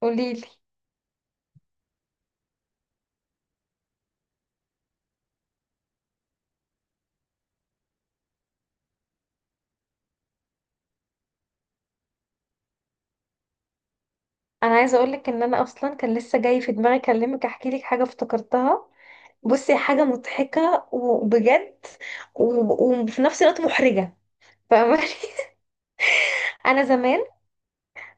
قوليلي. انا عايزه اقولك ان انا اصلا كان لسه جاي في دماغي اكلمك احكي لك حاجه افتكرتها. بصي، حاجه مضحكه وبجد، و- وفي نفس الوقت محرجه. فاهماني؟ انا زمان،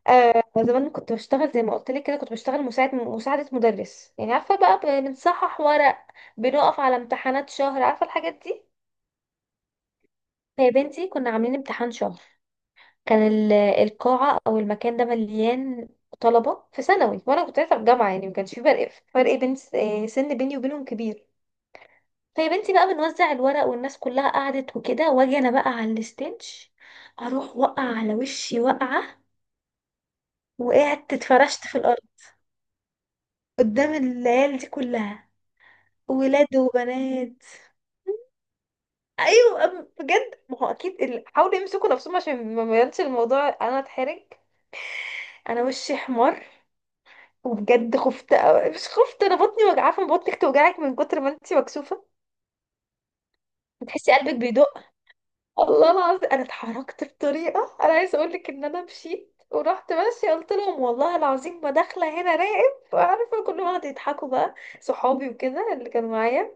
زمان كنت بشتغل زي ما قلت لك كده، كنت بشتغل مساعده مدرس، يعني عارفه بقى، بنصحح ورق، بنقف على امتحانات شهر، عارفه الحاجات دي. فيا بنتي، كنا عاملين امتحان شهر. كان القاعة أو المكان ده مليان طلبة في ثانوي، وأنا كنت لسه في جامعة، يعني ما كانش في فرق بين سن بيني وبينهم كبير. فيا بنتي بقى بنوزع الورق والناس كلها قعدت وكده، واجي أنا بقى على الستينج، أروح وقع على وشي وقعة، وقعدت اتفرشت في الأرض. قدام العيال دي كلها، ولاد وبنات. ايوه. بجد، ما هو اكيد حاولوا يمسكوا نفسهم عشان ما يبانش الموضوع انا اتحرج. انا وشي احمر، وبجد خفت أوي. مش خفت، انا بطني وجعاه، فما بطنك توجعك من كتر ما انت مكسوفه. بتحسي قلبك بيدق. الله العظيم، انا اتحركت بطريقه، انا عايزه اقول لك ان انا مشيت ورحت ماشيه، قلت لهم والله العظيم ما داخله هنا راقب، عارفه كلهم قعدوا يضحكوا بقى، صحابي وكده اللي كانوا معايا.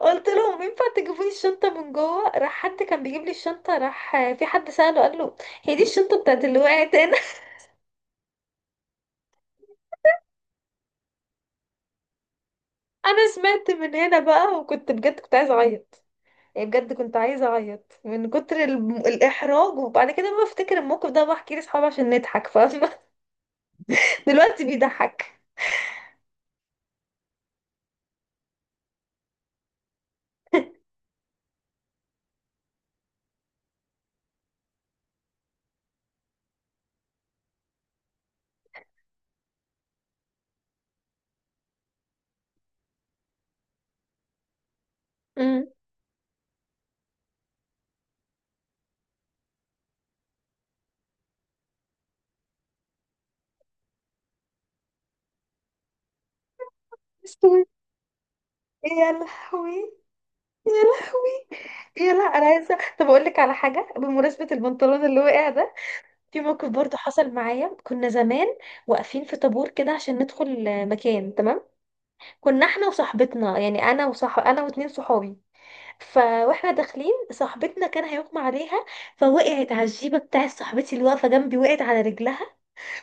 قلت لهم ينفع تجيبوا لي الشنطه من جوه، راح حد كان بيجيب لي الشنطه، راح في حد ساله، قال له هي دي الشنطه بتاعت اللي وقعت هنا؟ انا سمعت من هنا بقى، وكنت بجد كنت عايزه اعيط. يعني بجد كنت عايزة أعيط من كتر الإحراج. وبعد كده، ما بفتكر الموقف ده بحكي لأصحابي عشان نضحك، فاهمة؟ دلوقتي بيضحك. امم. بس هو-. يا لهوي، يا لهوي. يا لا، أنا عايزة، طب أقول لك على حاجة بمناسبة البنطلون اللي وقع ده. في موقف برضه حصل معايا، كنا زمان واقفين في طابور كده عشان ندخل مكان، تمام؟ كنا احنا وصاحبتنا، يعني أنا، وصح، أنا واتنين صحابي. فواحنا داخلين، صاحبتنا كان هيغمى عليها، فوقعت على الجيبه بتاع صاحبتي اللي واقفه جنبي، وقعت على رجلها.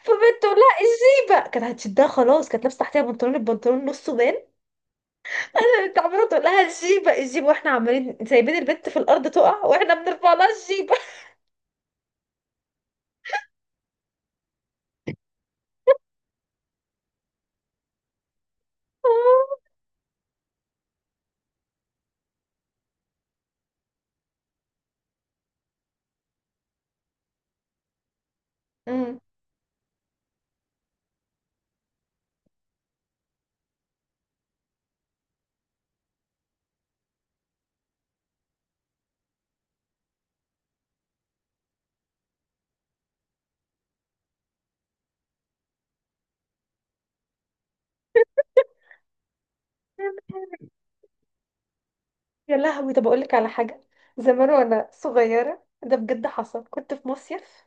فبنت تقول لها الجيبه، كانت هتشدها خلاص، كانت لابسه تحتها بنطلون، البنطلون نصه بان. انا كنت عماله تقول لها الجيبه الجيبه، واحنا عمالين سايبين البنت في الارض تقع، واحنا بنرفع لها الجيبه. أمم. يا لهوي، طب اقول لك على حاجه. زمان وانا صغيره، ده بجد حصل، كنت في مصيف،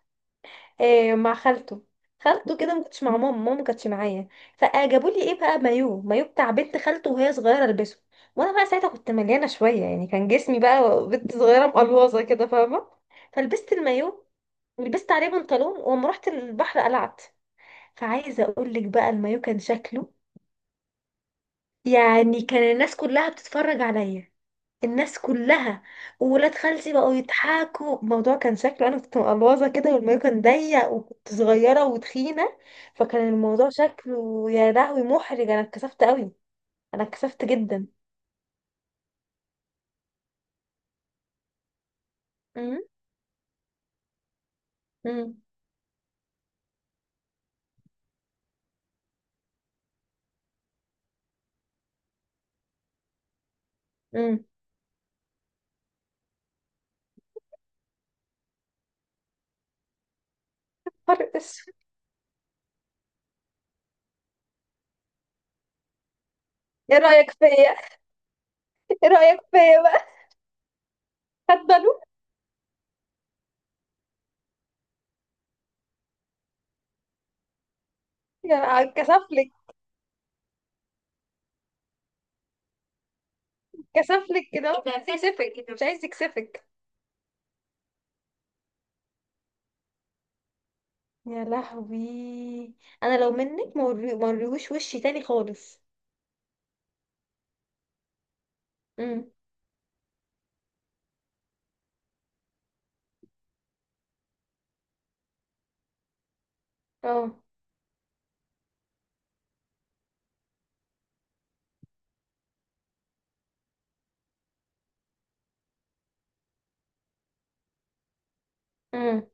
مع خالته. خالته كده، ما كنتش مع ماما، ماما ما كانتش معايا. فجابوا لي ايه بقى، مايو، مايو بتاع بنت خالته وهي صغيره البسه، وانا بقى ساعتها كنت مليانه شويه، يعني كان جسمي بقى بنت صغيره مقلوظه كده، فاهمه؟ فلبست المايو ولبست عليه بنطلون، وأما رحت البحر قلعت. فعايزه اقول لك بقى، المايو كان شكله، يعني كان الناس كلها بتتفرج عليا. الناس كلها وولاد خالتي بقوا يضحكوا، الموضوع كان شكله انا كنت مقلوظه كده، والمايو كان ضيق، وكنت صغيره وتخينه. فكان الموضوع شكله يا لهوي محرج. انا اتكسفت قوي. انا اتكسفت جدا. امم. امم. امم. فرق اسود. ايه رايك فيا؟ ايه رايك فيا بقى؟ خد باله. يا. اتكسفلك. اتكسفلك كده، مش عايز يكسفك، مش عايز يكسفك. يا لهوي. انا لو منك، ما وريهوش وشي تاني خالص. امم. اه،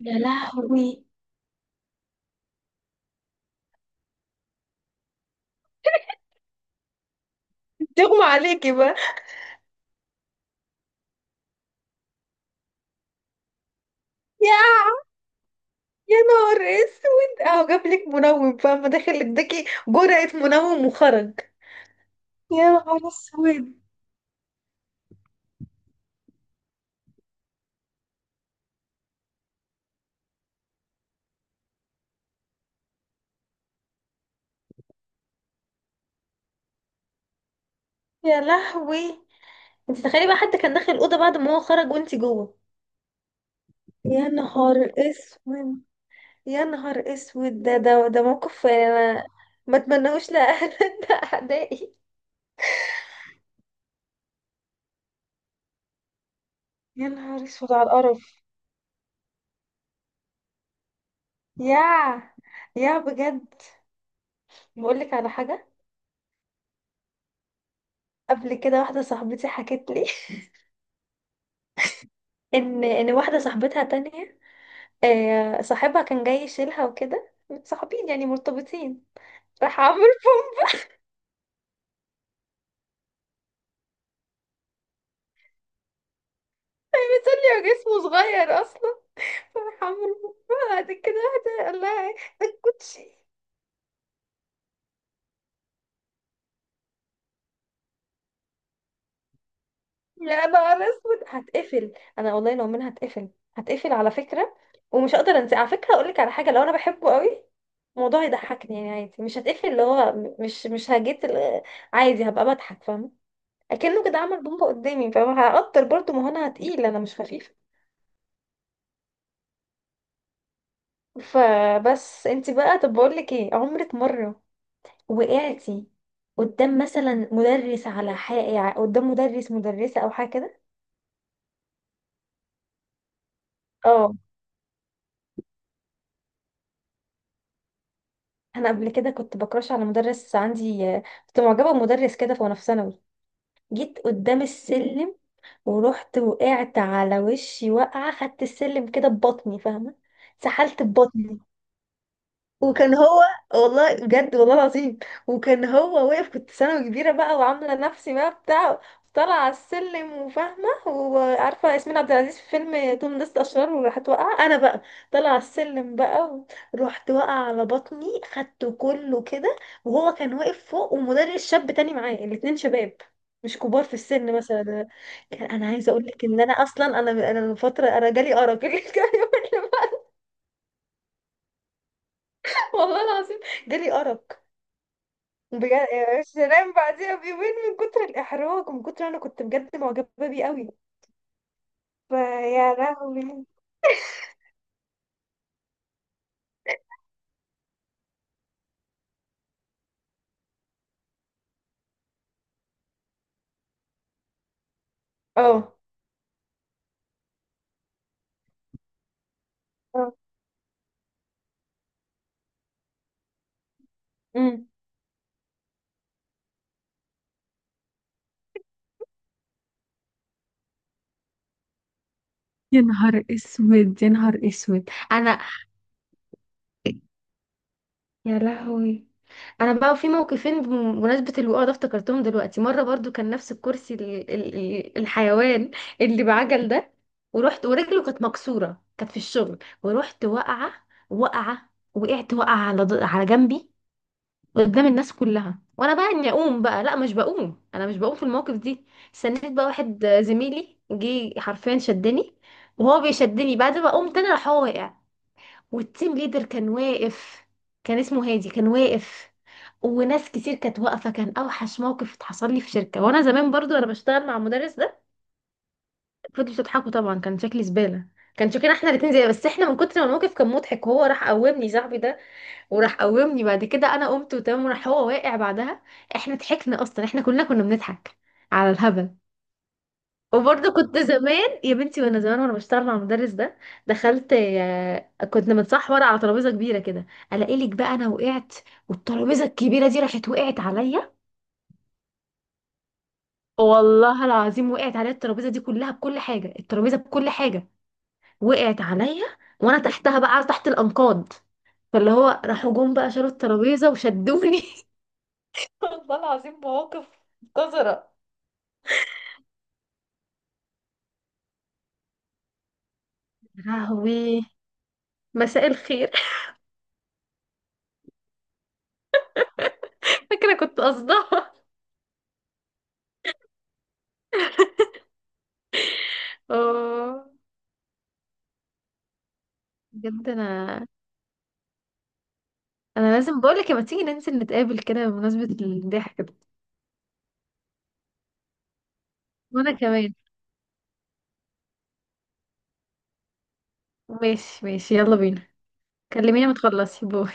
يا لهوي. تغمى عليكي بقى. يا يا نهار اسود، اهو جابلك منوم فاهمة، داخل اداكي جرعة منوم وخرج. يا نهار اسود. يا لهوي، انت تخيلي بقى حد كان داخل الأوضة بعد ما هو خرج وانت جوه. يا نهار اسود، يا نهار اسود. ده موقف، يعني انا ما اتمنهوش لأهل لأعدائي. يا نهار اسود على القرف. يا يا بجد. بقولك على حاجة. قبل كده، واحدة صاحبتي حكت لي ان واحده صاحبتها تانية، صاحبها كان جاي يشيلها وكده، صاحبين يعني مرتبطين. راح عمرو. بيصلي، جسمه صغير اصلا. راح عمرو. بعد كده واحده قال لها إيه؟ الكوتشي. يا نهار اسود، هتقفل. انا والله لو منها هتقفل. هتقفل على فكره. ومش هقدر انسى على فكره. اقول لك على حاجه، لو انا بحبه قوي، الموضوع يضحكني، يعني عادي، مش هتقفل، اللي هو مش هجيت ال-، عادي هبقى بضحك، فاهمه؟ اكنه كده عمل بومبا قدامي، فاهمه؟ هقدر برضه، ما هو انا تقيل، انا مش خفيف. فبس، انت بقى، طب بقول لك ايه، عمرك مره وقعتي قدام مثلا مدرس على حاجه، قدام مدرس مدرسه او حاجه كده؟ اه. انا قبل كده كنت بكراش على مدرس عندي، كنت معجبه بمدرس كده، في وانا في ثانوي. جيت قدام السلم، ورحت وقعت على وشي وقعه، خدت السلم كده ببطني، فاهمه؟ سحلت ببطني. وكان هو، والله بجد، والله العظيم وكان هو واقف. كنت ثانوي كبيرة بقى، وعاملة نفسي بقى بتاع، طالعة على السلم، وفاهمة وعارفة ياسمين عبد العزيز في فيلم توم نست أشرار، وراحت واقعة. أنا بقى طالعة على السلم بقى، رحت واقعة على بطني، خدته كله كده. وهو كان واقف فوق، ومدرس شاب تاني معاه، الاتنين شباب، مش كبار في السن مثلا. انا عايزه اقول لك ان انا اصلا، انا من فتره انا جالي ارق. والله العظيم جالي ارق. بجد شيرين، بعديها بيومين من كتر الإحراج، ومن كتر أنا كنت بجد معجبة بيه قوي. فيا لهوي. اه. اه. امم. يا نهار اسود، يا نهار اسود انا. يا لهوي. انا بقى في موقفين بمناسبه الوقوع ده، افتكرتهم دلوقتي. مره برضو كان نفس الكرسي، الحيوان اللي بعجل ده، ورحت، ورجله كانت مكسوره، كانت في الشغل، ورحت واقعه. واقعه، وقعت، واقعه على على جنبي. قدام الناس كلها، وانا بقى اني اقوم بقى، لا مش بقوم، انا مش بقوم في المواقف دي. استنيت بقى، واحد زميلي جه حرفيا شدني، وهو بيشدني بعد ما قمت انا، راح هو واقع. والتيم ليدر كان واقف، كان اسمه هادي، كان واقف. وناس كتير كانت واقفه. كان اوحش موقف اتحصل لي في شركه. وانا زمان برضو انا بشتغل مع المدرس ده، فضلوا تضحكوا طبعا، كان شكلي زباله. كان شكلنا احنا الاتنين زي، بس احنا من كتر ما الموقف كان مضحك، وهو راح قومني صاحبي ده، وراح قومني بعد كده انا قمت وتمام، وراح هو واقع بعدها. احنا ضحكنا، اصلا احنا كلنا كنا بنضحك على الهبل. وبرضه كنت زمان يا بنتي، وانا زمان وانا بشتغل مع المدرس ده، دخلت، كنت متصح ورقه على ترابيزه كبيره كده، الاقي لك بقى انا وقعت. والترابيزه الكبيره دي راحت وقعت عليا. والله العظيم، وقعت عليا الترابيزه دي كلها بكل حاجه، الترابيزه بكل حاجه وقعت عليا، وانا تحتها بقى، تحت الانقاض. فاللي هو راحوا جم بقى شالوا الترابيزه وشدوني. والله العظيم، مواقف قذرة. لهوي. مساء الخير. فاكرة كنت قصدها. اه، بجد، انا لازم بقولك لما تيجي ننزل نتقابل كده بمناسبة الضحك ده. وانا كمان. ماشي ماشي، يلا بينا. كلميني، ما تخلصي. باي.